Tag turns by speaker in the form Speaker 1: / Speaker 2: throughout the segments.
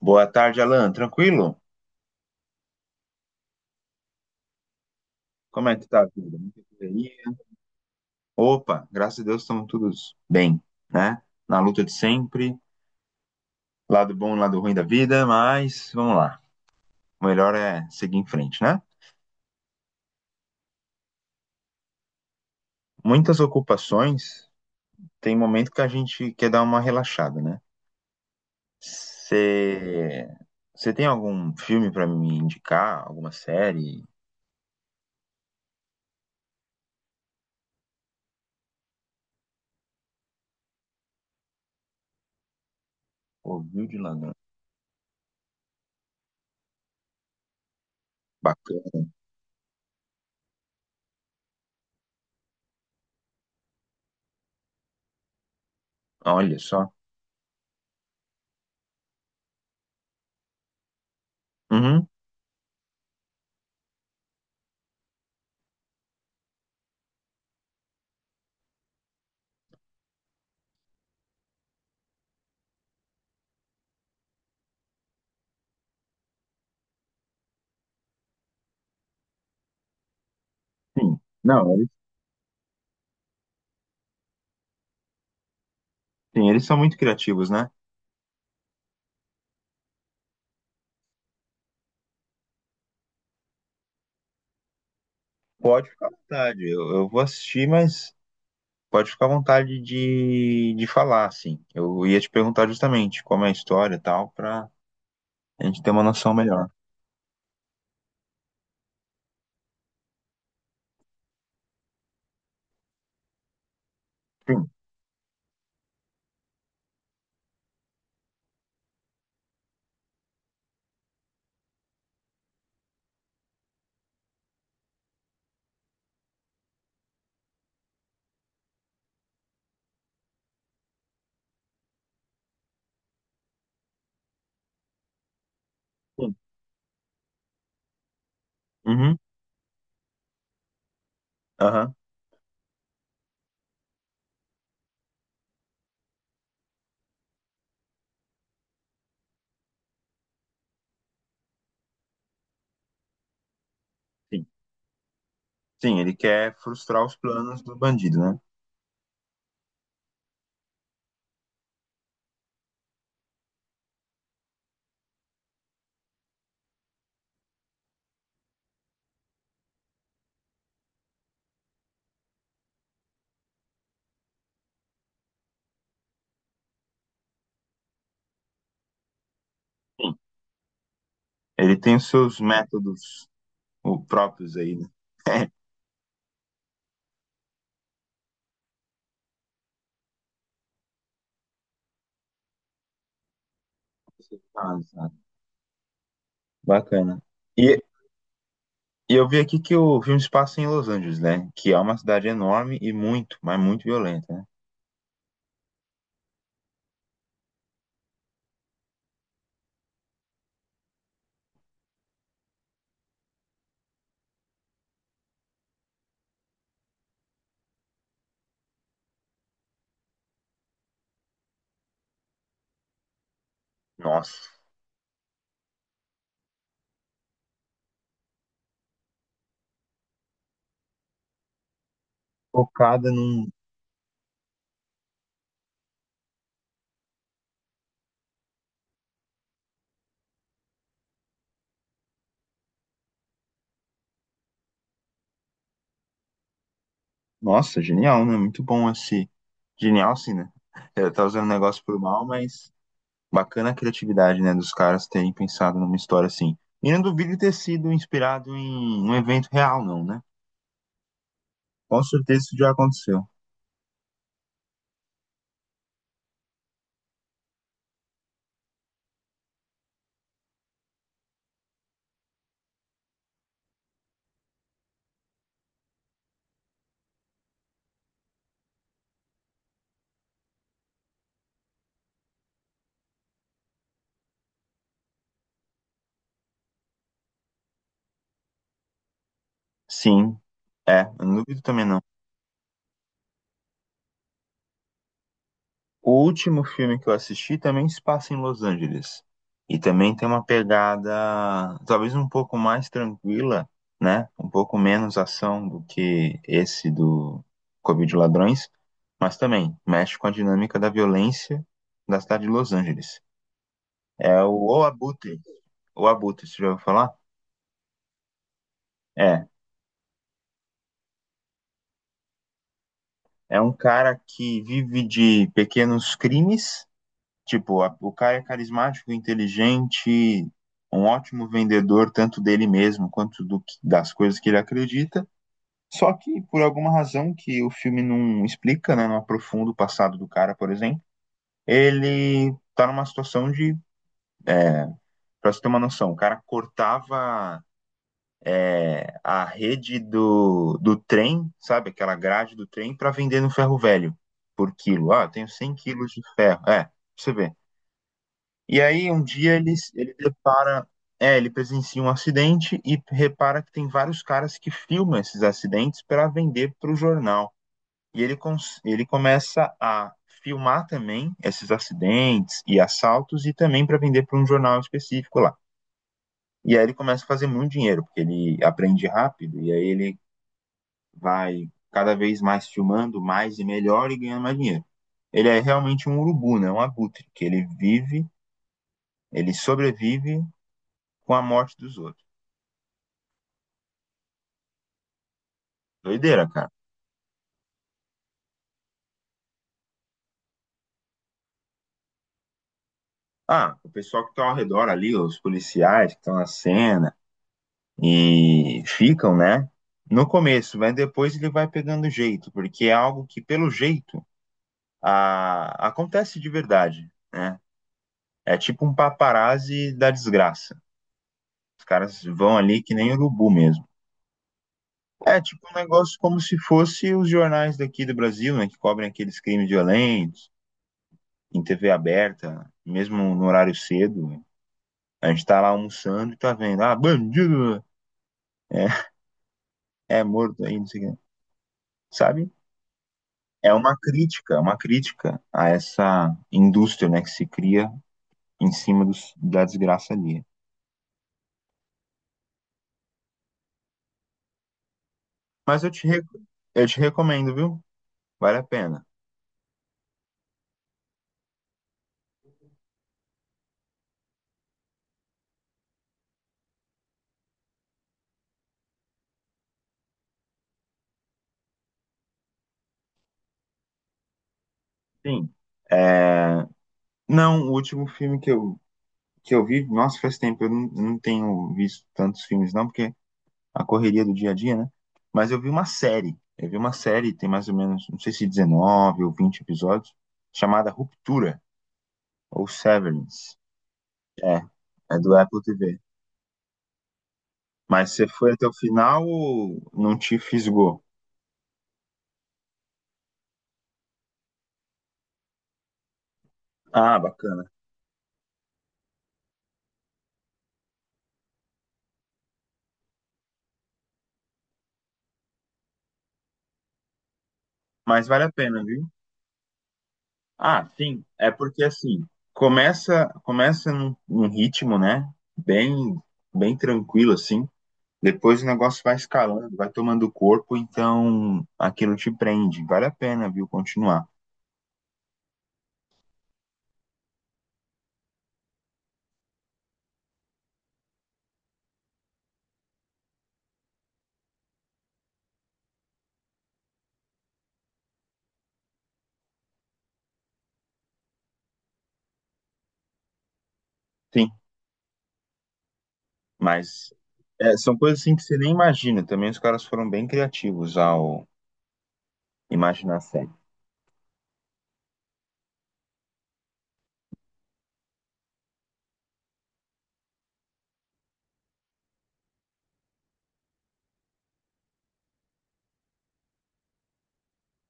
Speaker 1: Boa tarde, Alan. Tranquilo? Como é que tá, vida? Muita correria? Opa, graças a Deus estamos todos bem, né? Na luta de sempre, lado bom e lado ruim da vida, mas vamos lá. O melhor é seguir em frente, né? Muitas ocupações, tem momento que a gente quer dar uma relaxada, né? Você você tem algum filme para me indicar? Alguma série? Ouviu de ladrão? Bacana. Olha só. Uhum, sim. Não, eles, sim, eles são muito criativos, né? Pode ficar à vontade. Eu vou assistir, mas pode ficar à vontade de falar, assim. Eu ia te perguntar justamente como é a história e tal, pra a gente ter uma noção melhor. Sim, sim. Uhum, aham, sim. Sim, ele quer frustrar os planos do bandido, né? Sim. Ele tem os seus métodos próprios aí, né? Ah, sabe. Bacana. E, e eu vi aqui que o filme se passa em Los Angeles, né? Que é uma cidade enorme e muito, mas muito violenta, né? Nossa. Focada num. Nossa, genial, né? Muito bom esse. Genial, sim, né? É, tá usando o negócio pro mal, mas bacana a criatividade, né, dos caras terem pensado numa história assim. E não duvido de ter sido inspirado em um evento real, não, né? Com certeza isso já aconteceu. Sim, é, eu não duvido também não. O último filme que eu assisti também se passa em Los Angeles. E também tem uma pegada talvez um pouco mais tranquila, né? Um pouco menos ação do que esse do Covid Ladrões, mas também mexe com a dinâmica da violência da cidade de Los Angeles. É o O Abutre. O Abutre, você já ouviu falar? É. É um cara que vive de pequenos crimes. Tipo, o Caio é carismático, inteligente, um ótimo vendedor, tanto dele mesmo quanto das coisas que ele acredita. Só que, por alguma razão que o filme não explica, né, não aprofunda o passado do cara, por exemplo, ele tá numa situação de. É, pra você ter uma noção, o cara cortava. É, a rede do trem, sabe? Aquela grade do trem para vender no ferro velho por quilo. Ah, eu tenho 100 quilos de ferro. É, pra você vê. E aí, um dia ele depara, é, ele presencia um acidente e repara que tem vários caras que filmam esses acidentes para vender para o jornal. E ele, ele começa a filmar também esses acidentes e assaltos e também para vender para um jornal específico lá. E aí ele começa a fazer muito dinheiro, porque ele aprende rápido e aí ele vai cada vez mais filmando mais e melhor e ganhando mais dinheiro. Ele é realmente um urubu, né? Um abutre, que ele vive, ele sobrevive com a morte dos outros. Doideira, cara. Ah, o pessoal que tá ao redor ali, os policiais que estão na cena e ficam, né? No começo, mas depois ele vai pegando jeito, porque é algo que, pelo jeito, acontece de verdade, né? É tipo um paparazzi da desgraça. Os caras vão ali que nem urubu mesmo. É tipo um negócio como se fosse os jornais daqui do Brasil, né? Que cobrem aqueles crimes violentos, em TV aberta, mesmo no horário cedo. A gente tá lá almoçando e tá vendo, ah, bandido, é, é morto aí, não sei o quê. Sabe? É uma crítica a essa indústria, né, que se cria em cima dos, da desgraça ali. Mas eu eu te recomendo, viu? Vale a pena. Sim. É, não, o último filme que eu vi, nossa, faz tempo, eu não tenho visto tantos filmes, não, porque a correria do dia a dia, né? Mas eu vi uma série, eu vi uma série, tem mais ou menos, não sei se 19 ou 20 episódios, chamada Ruptura, ou Severance. É, é do Apple TV. Mas você foi até o final ou não te fisgou? Ah, bacana. Mas vale a pena, viu? Ah, sim. É porque assim, começa num ritmo, né? Bem bem tranquilo assim. Depois o negócio vai escalando, vai tomando corpo, então aquilo te prende. Vale a pena, viu, continuar. Sim, mas é, são coisas assim que você nem imagina. Também os caras foram bem criativos ao imaginar a série.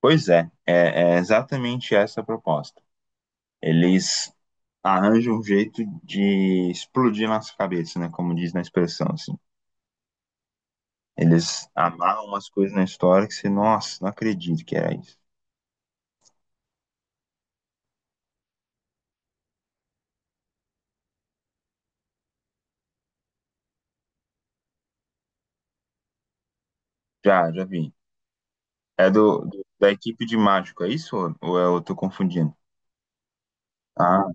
Speaker 1: Pois é, é, é exatamente essa a proposta. Eles arranjam um jeito de explodir nossa cabeça, né? Como diz na expressão, assim. Eles amarram umas coisas na história que você, nossa, não acredito que era isso. Já, já vi. É do da equipe de mágico, é isso? Ou, eu tô confundindo? Ah,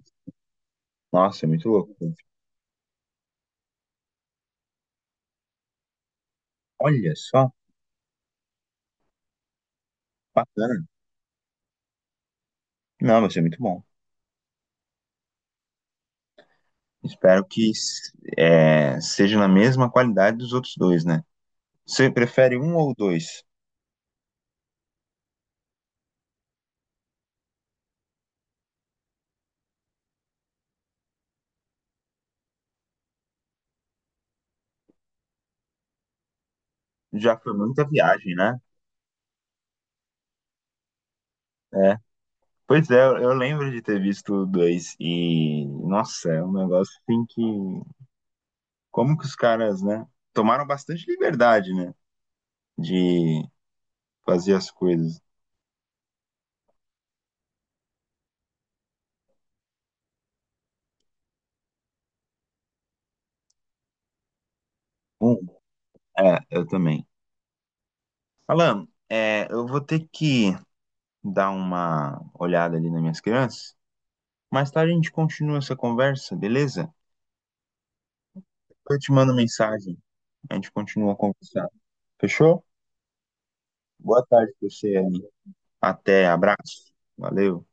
Speaker 1: nossa, é muito louco. Olha só, bacana. Não, vai ser muito bom. Espero que s- é, seja na mesma qualidade dos outros dois, né? Você prefere um ou dois? Já foi muita viagem, né? É. Pois é, eu lembro de ter visto dois e, nossa, é um negócio assim que. Como que os caras, né? Tomaram bastante liberdade, né? De fazer as coisas. Um, é, eu também. Alan, é, eu vou ter que dar uma olhada ali nas minhas crianças. Mais tarde a gente continua essa conversa, beleza? Eu te mando mensagem, a gente continua a conversar. Fechou? Boa tarde pra você aí. Até, abraço. Valeu.